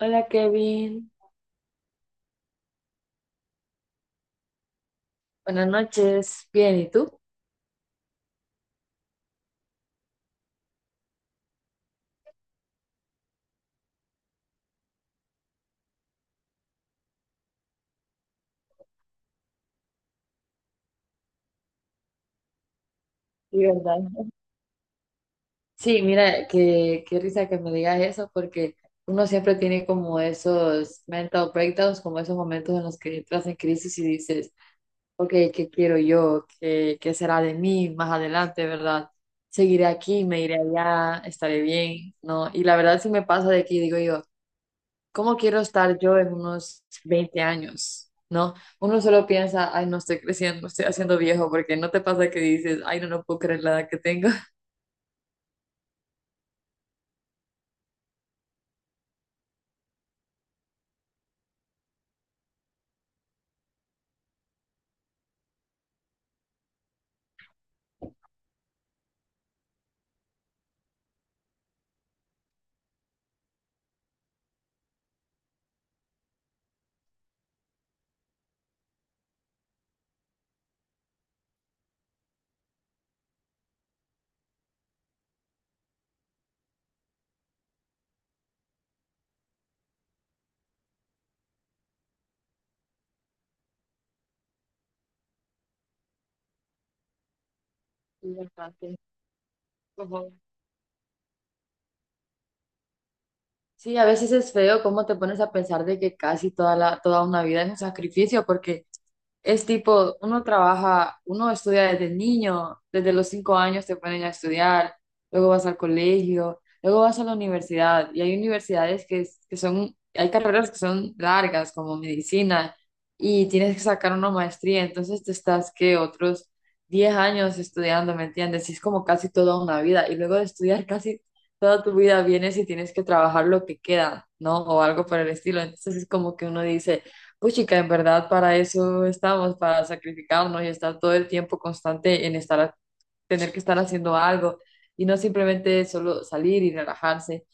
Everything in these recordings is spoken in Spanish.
Hola Kevin, buenas noches, bien, ¿y tú? Sí, ¿verdad? Sí, mira, qué risa que me digas eso porque uno siempre tiene como esos mental breakdowns, como esos momentos en los que entras en crisis y dices, ok, ¿qué quiero yo? ¿Qué será de mí más adelante, verdad? ¿Seguiré aquí? ¿Me iré allá? ¿Estaré bien? ¿No? Y la verdad sí me pasa de que digo yo. ¿Cómo quiero estar yo en unos 20 años? ¿No? Uno solo piensa, ay, no estoy creciendo, estoy haciendo viejo, porque no te pasa que dices, ay, no, no puedo creer la edad que tengo. Sí, bastante. Ujú. Sí, a veces es feo cómo te pones a pensar de que casi toda una vida es un sacrificio, porque es tipo, uno trabaja, uno estudia desde niño, desde los 5 años te ponen a estudiar, luego vas al colegio, luego vas a la universidad, y hay universidades que son, hay carreras que son largas, como medicina, y tienes que sacar una maestría, entonces que otros 10 años estudiando, ¿me entiendes? Y es como casi toda una vida, y luego de estudiar casi toda tu vida vienes y tienes que trabajar lo que queda, ¿no? O algo por el estilo, entonces es como que uno dice uy, chica, en verdad para eso estamos, para sacrificarnos y estar todo el tiempo constante en estar, tener que estar haciendo algo y no simplemente solo salir y relajarse.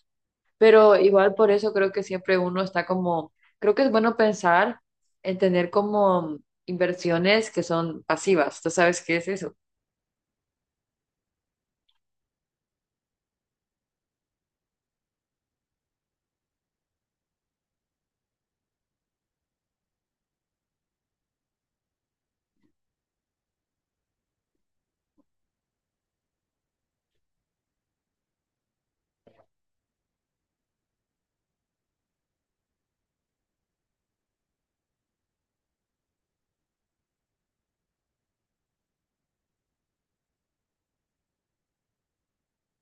Pero igual por eso creo que siempre uno está como, creo que es bueno pensar en tener como inversiones que son pasivas. ¿Tú sabes qué es eso?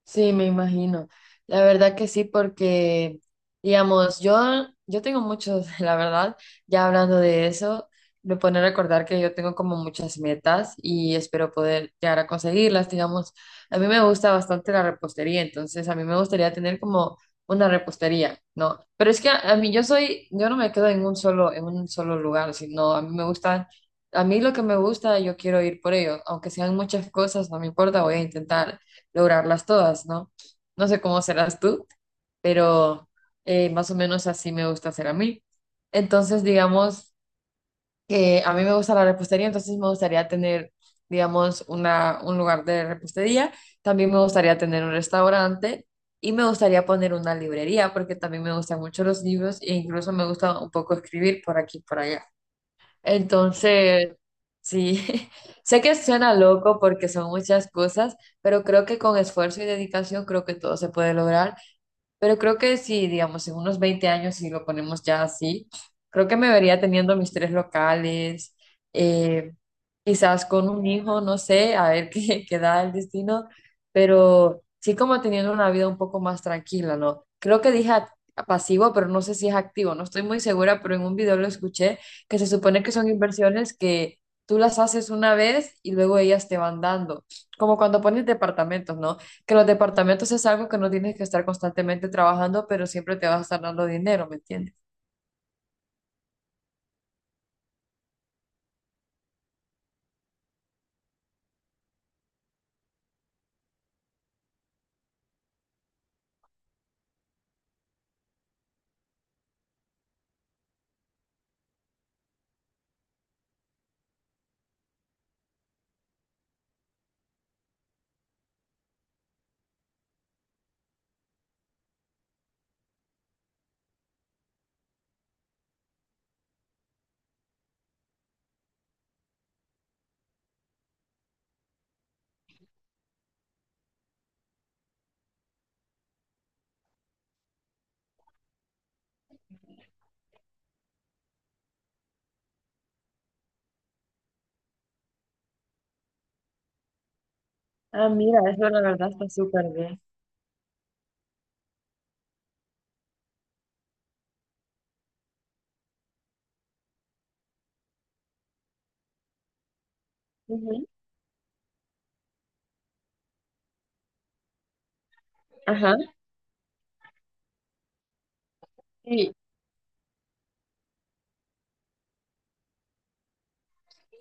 Sí, me imagino. La verdad que sí, porque, digamos, yo tengo muchos, la verdad, ya hablando de eso, me pone a recordar que yo tengo como muchas metas y espero poder llegar a conseguirlas, digamos. A mí me gusta bastante la repostería, entonces a mí me gustaría tener como una repostería, ¿no? Pero es que a mí yo no me quedo en un solo lugar, sino a mí lo que me gusta, yo quiero ir por ello, aunque sean muchas cosas, no me importa, voy a intentar lograrlas todas, ¿no? No sé cómo serás tú, pero más o menos así me gusta hacer a mí. Entonces, digamos que a mí me gusta la repostería, entonces me gustaría tener, digamos, un lugar de repostería. También me gustaría tener un restaurante y me gustaría poner una librería porque también me gustan mucho los libros e incluso me gusta un poco escribir por aquí y por allá. Entonces, sí, sé que suena loco porque son muchas cosas, pero creo que con esfuerzo y dedicación creo que todo se puede lograr. Pero creo que si, digamos, en unos 20 años, si lo ponemos ya así, creo que me vería teniendo mis tres locales, eh, quizás con un hijo, no sé, a ver qué da el destino, pero sí como teniendo una vida un poco más tranquila, ¿no? Creo que dije pasivo, pero no sé si es activo, no estoy muy segura, pero en un video lo escuché, que se supone que son inversiones que tú las haces una vez y luego ellas te van dando, como cuando pones departamentos, ¿no? que los departamentos es algo que no tienes que estar constantemente trabajando, pero siempre te vas a estar dando dinero, ¿me entiendes? Ah, mira, eso la verdad está súper bien. Ujú. Ajá. Sí,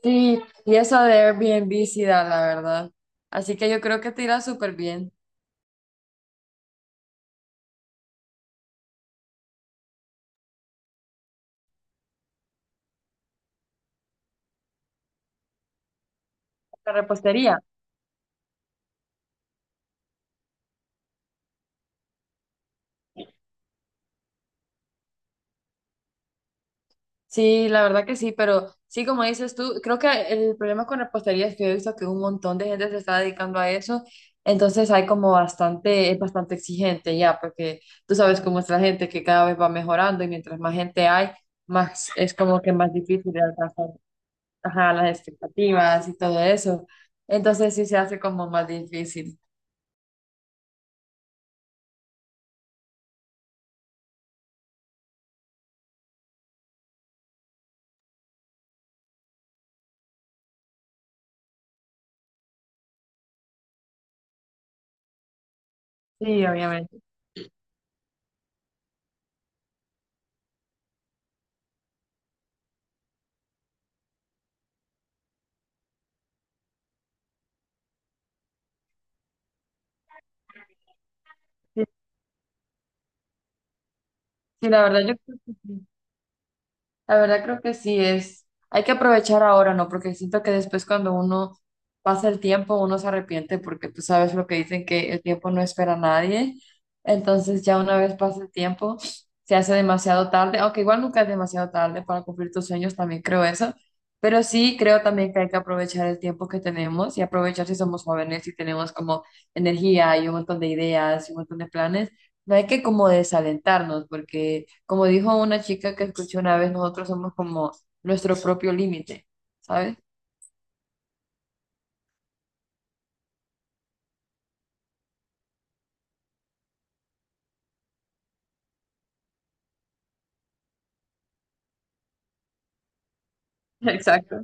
sí, y eso de Airbnb sí da, la verdad. Así que yo creo que te irá súper bien. La repostería. Sí, la verdad que sí, pero sí, como dices tú, creo que el problema con repostería es que he visto que un montón de gente se está dedicando a eso, entonces hay como bastante, es bastante exigente ya, porque tú sabes cómo es la gente que cada vez va mejorando y mientras más gente hay, más es como que más difícil de alcanzar ajá, las expectativas y todo eso, entonces sí se hace como más difícil. Sí, obviamente. Sí, sí, la verdad yo creo que sí. La verdad creo que sí es, hay que aprovechar ahora, ¿no? Porque siento que después cuando uno pasa el tiempo, uno se arrepiente porque tú sabes lo que dicen que el tiempo no espera a nadie. Entonces ya una vez pasa el tiempo, se hace demasiado tarde, aunque igual nunca es demasiado tarde para cumplir tus sueños, también creo eso. Pero sí creo también que hay que aprovechar el tiempo que tenemos y aprovechar si somos jóvenes y tenemos como energía y un montón de ideas y un montón de planes. No hay que como desalentarnos porque como dijo una chica que escuché una vez, nosotros somos como nuestro propio límite, ¿sabes? Exacto.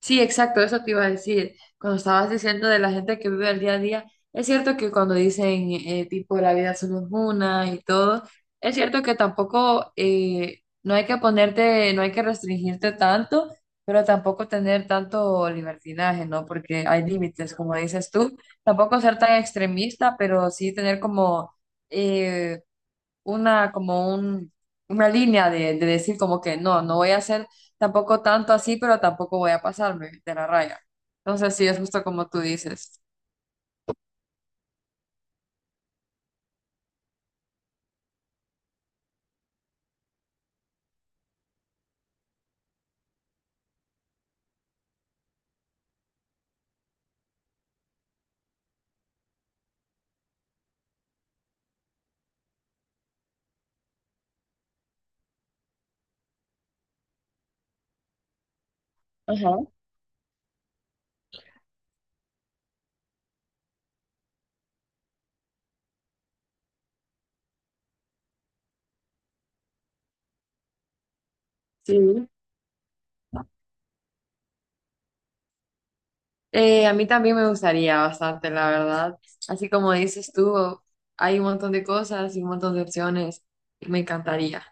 Sí, exacto, eso te iba a decir. Cuando estabas diciendo de la gente que vive el día a día, es cierto que cuando dicen tipo la vida solo es una y todo, es cierto que tampoco no hay que restringirte tanto, pero tampoco tener tanto libertinaje, ¿no? Porque hay límites, como dices tú. Tampoco ser tan extremista, pero sí tener como eh, una como un, una línea de decir como que no, no voy a hacer tampoco tanto así, pero tampoco voy a pasarme de la raya. Entonces sí, es justo como tú dices. Sí. A mí también me gustaría bastante, la verdad. Así como dices tú, hay un montón de cosas y un montón de opciones y me encantaría.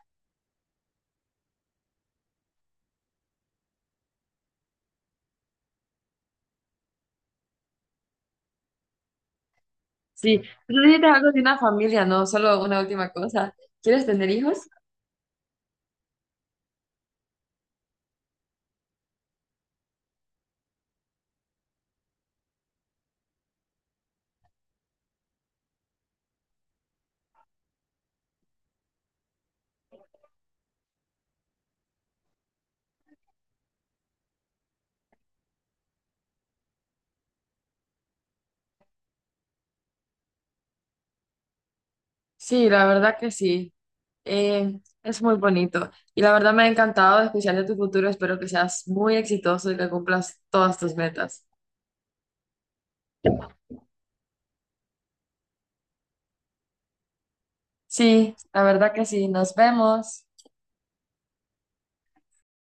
Sí, tú necesitas algo de una familia, no solo una última cosa. ¿Quieres tener hijos? Sí, la verdad que sí. Es muy bonito y la verdad me ha encantado, especialmente tu futuro. Espero que seas muy exitoso y que cumplas todas tus metas. Sí, la verdad que sí. Nos vemos.